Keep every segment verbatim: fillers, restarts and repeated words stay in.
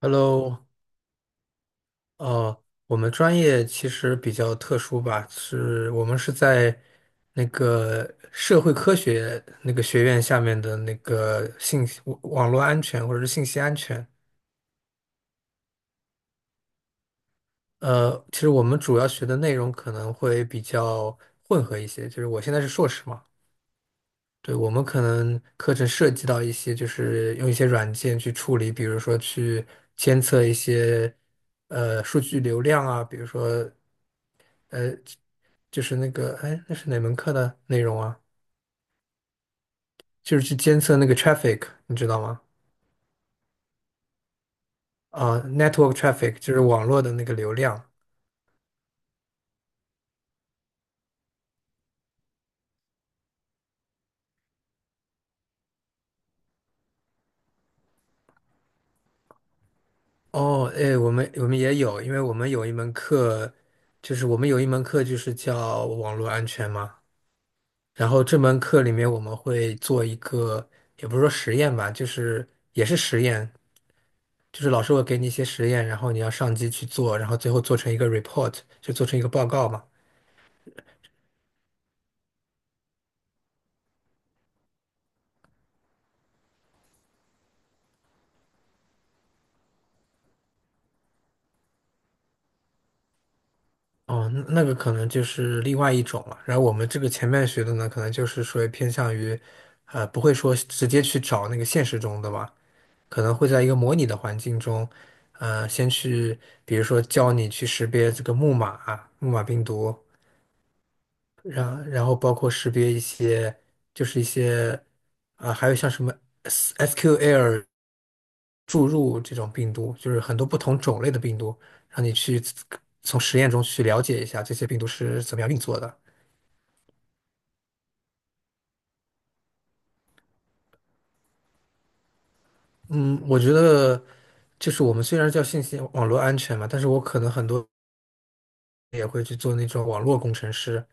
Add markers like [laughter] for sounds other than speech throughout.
Hello，呃，我们专业其实比较特殊吧，是我们是在那个社会科学那个学院下面的那个信息网网络安全或者是信息安全。呃，其实我们主要学的内容可能会比较混合一些，就是我现在是硕士嘛，对，我们可能课程涉及到一些，就是用一些软件去处理，比如说去监测一些呃数据流量啊，比如说。呃，就是那个，哎，那是哪门课的内容啊？就是去监测那个 traffic,你知道吗？啊，network traffic 就是网络的那个流量。哦，哎，我们我们也有，因为我们有一门课，就是我们有一门课就是叫网络安全嘛。然后这门课里面我们会做一个，也不是说实验吧，就是也是实验，就是老师会给你一些实验，然后你要上机去做，然后最后做成一个 report,就做成一个报告嘛。哦，那那个可能就是另外一种了。然后我们这个前面学的呢，可能就是说偏向于，呃，不会说直接去找那个现实中的吧，可能会在一个模拟的环境中，呃，先去，比如说教你去识别这个木马、木马病毒，然然后包括识别一些，就是一些，啊、还有像什么 S- SQL。注入这种病毒，就是很多不同种类的病毒，让你去从实验中去了解一下这些病毒是怎么样运作的。嗯，我觉得就是我们虽然叫信息网络安全嘛，但是我可能很多也会去做那种网络工程师。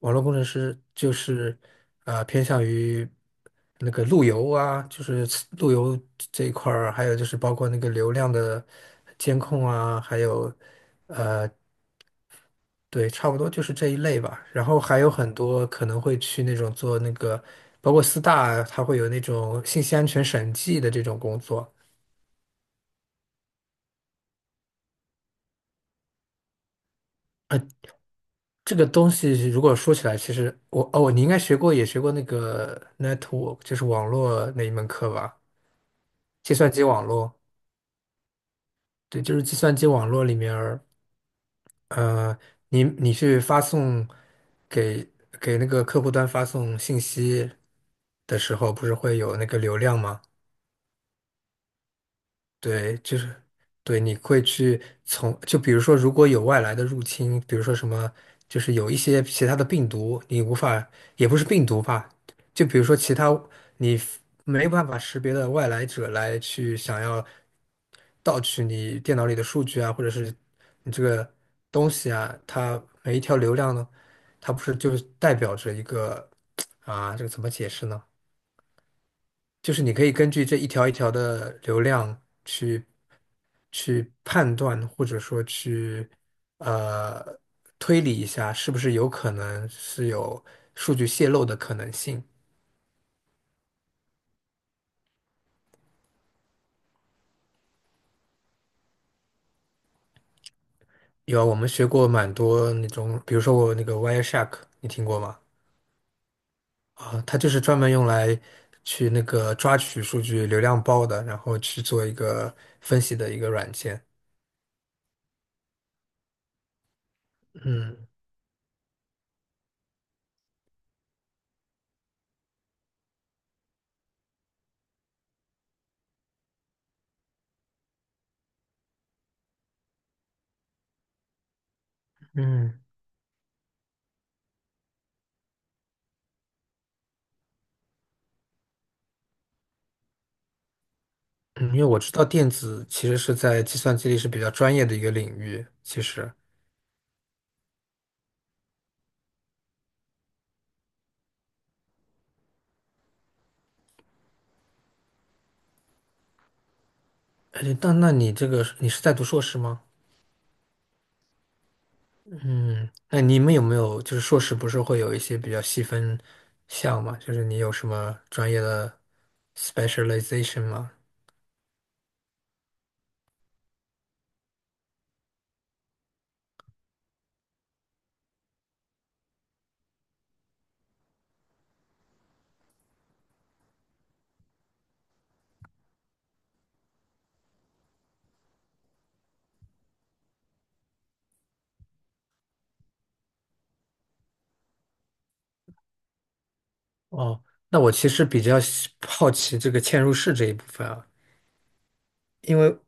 网络工程师就是呃偏向于那个路由啊，就是路由这一块儿，还有就是包括那个流量的监控啊，还有。呃。对，差不多就是这一类吧。然后还有很多可能会去那种做那个，包括四大啊，它会有那种信息安全审计的这种工作。这个东西如果说起来，其实我哦，你应该学过，也学过那个 network,就是网络那一门课吧？计算机网络，对，就是计算机网络里面儿，呃，你你去发送给给那个客户端发送信息的时候，不是会有那个流量吗？对，就是对，你会去从就比如说，如果有外来的入侵，比如说什么，就是有一些其他的病毒，你无法，也不是病毒吧，就比如说其他你没办法识别的外来者来去想要盗取你电脑里的数据啊，或者是你这个东西啊，它每一条流量呢，它不是就是代表着一个 [tsk] 啊，这个怎么解释呢？就是你可以根据这一条一条的流量去。去判断，或者说去呃推理一下，是不是有可能是有数据泄露的可能性。有啊，我们学过蛮多那种，比如说我那个 Wireshark,你听过吗？啊，它就是专门用来去那个抓取数据流量包的，然后去做一个分析的一个软件。嗯嗯嗯，因为我知道电子其实是在计算机里是比较专业的一个领域，其实。哎，那那你这个你是在读硕士吗？那你们有没有就是硕士不是会有一些比较细分项嘛？就是你有什么专业的 specialization 吗？哦，那我其实比较喜好奇这个嵌入式这一部分啊，因为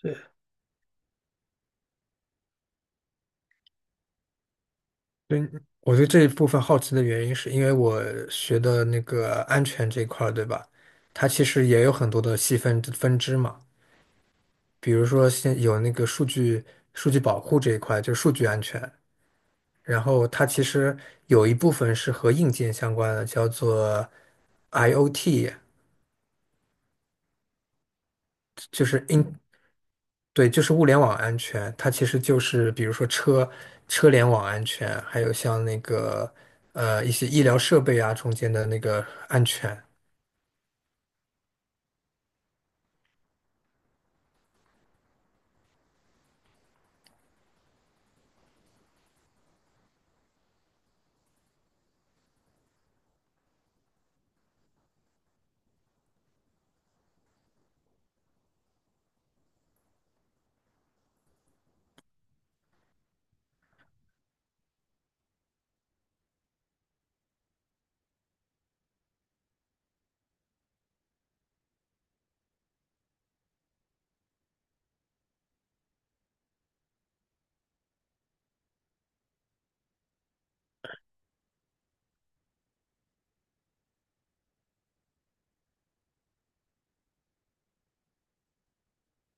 对，对我对这一部分好奇的原因是因为我学的那个安全这一块儿，对吧？它其实也有很多的细分分支嘛，比如说现有那个数据数据保护这一块，就是数据安全。然后它其实有一部分是和硬件相关的，叫做 IoT,就是 in,对，就是物联网安全。它其实就是比如说车车联网安全，还有像那个呃一些医疗设备啊中间的那个安全。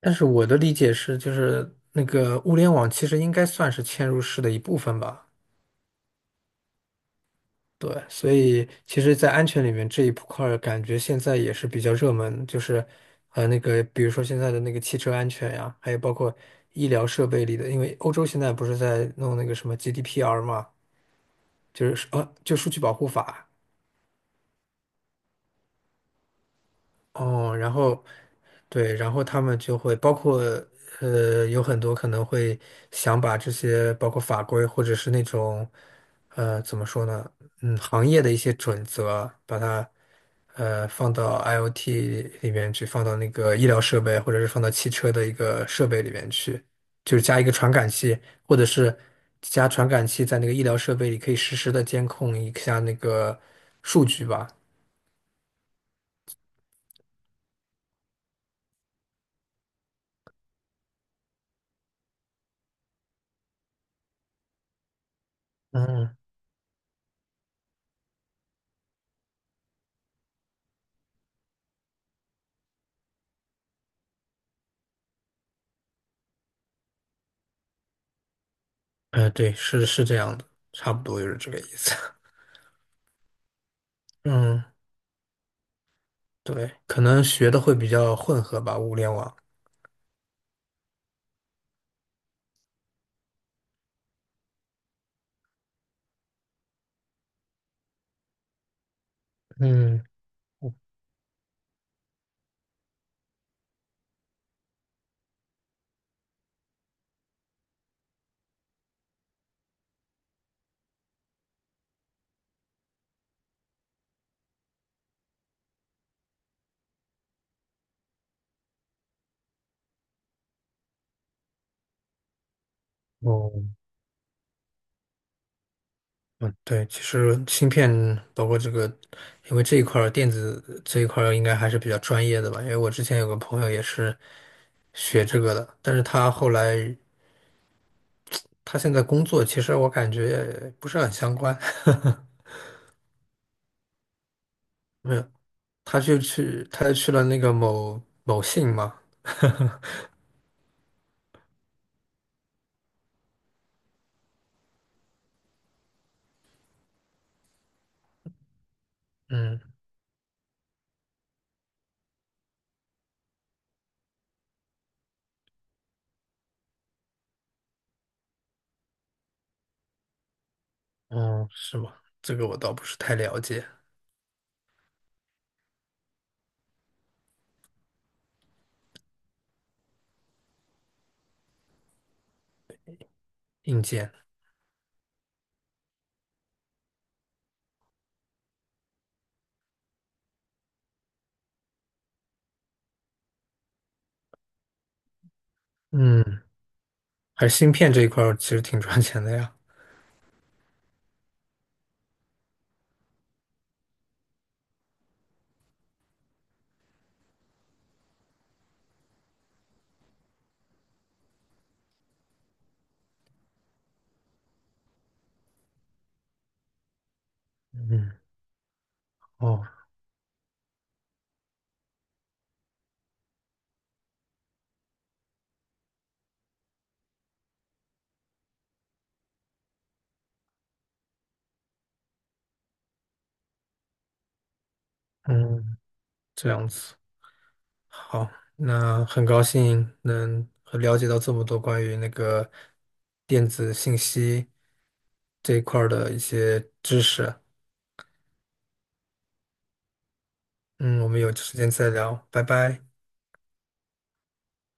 但是我的理解是，就是那个物联网其实应该算是嵌入式的一部分吧。对，所以其实，在安全里面这一块儿，感觉现在也是比较热门，就是呃，那个比如说现在的那个汽车安全呀，还有包括医疗设备里的，因为欧洲现在不是在弄那个什么 G D P R 嘛，就是呃，就数据保护法，哦，然后对，然后他们就会包括呃，有很多可能会想把这些包括法规或者是那种呃怎么说呢，嗯，行业的一些准则，把它呃放到 IoT 里面去，放到那个医疗设备或者是放到汽车的一个设备里面去，就是加一个传感器，或者是加传感器在那个医疗设备里可以实时的监控一下那个数据吧。嗯，哎，对，是是这样的，差不多就是这个意思。[laughs] 嗯，对，可能学的会比较混合吧，物联网。嗯，哦，嗯，对，其实芯片包括这个，因为这一块儿电子这一块儿应该还是比较专业的吧，因为我之前有个朋友也是学这个的，但是他后来他现在工作，其实我感觉也不是很相关，[laughs] 没有，他就去他去了那个某某信嘛，嗯。哦，是吗？这个我倒不是太了解。硬件，嗯，还是芯片这一块儿其实挺赚钱的呀。嗯，哦，嗯，这样子。好，那很高兴能和了解到这么多关于那个电子信息这一块儿的一些知识。嗯，我们有时间再聊，拜拜。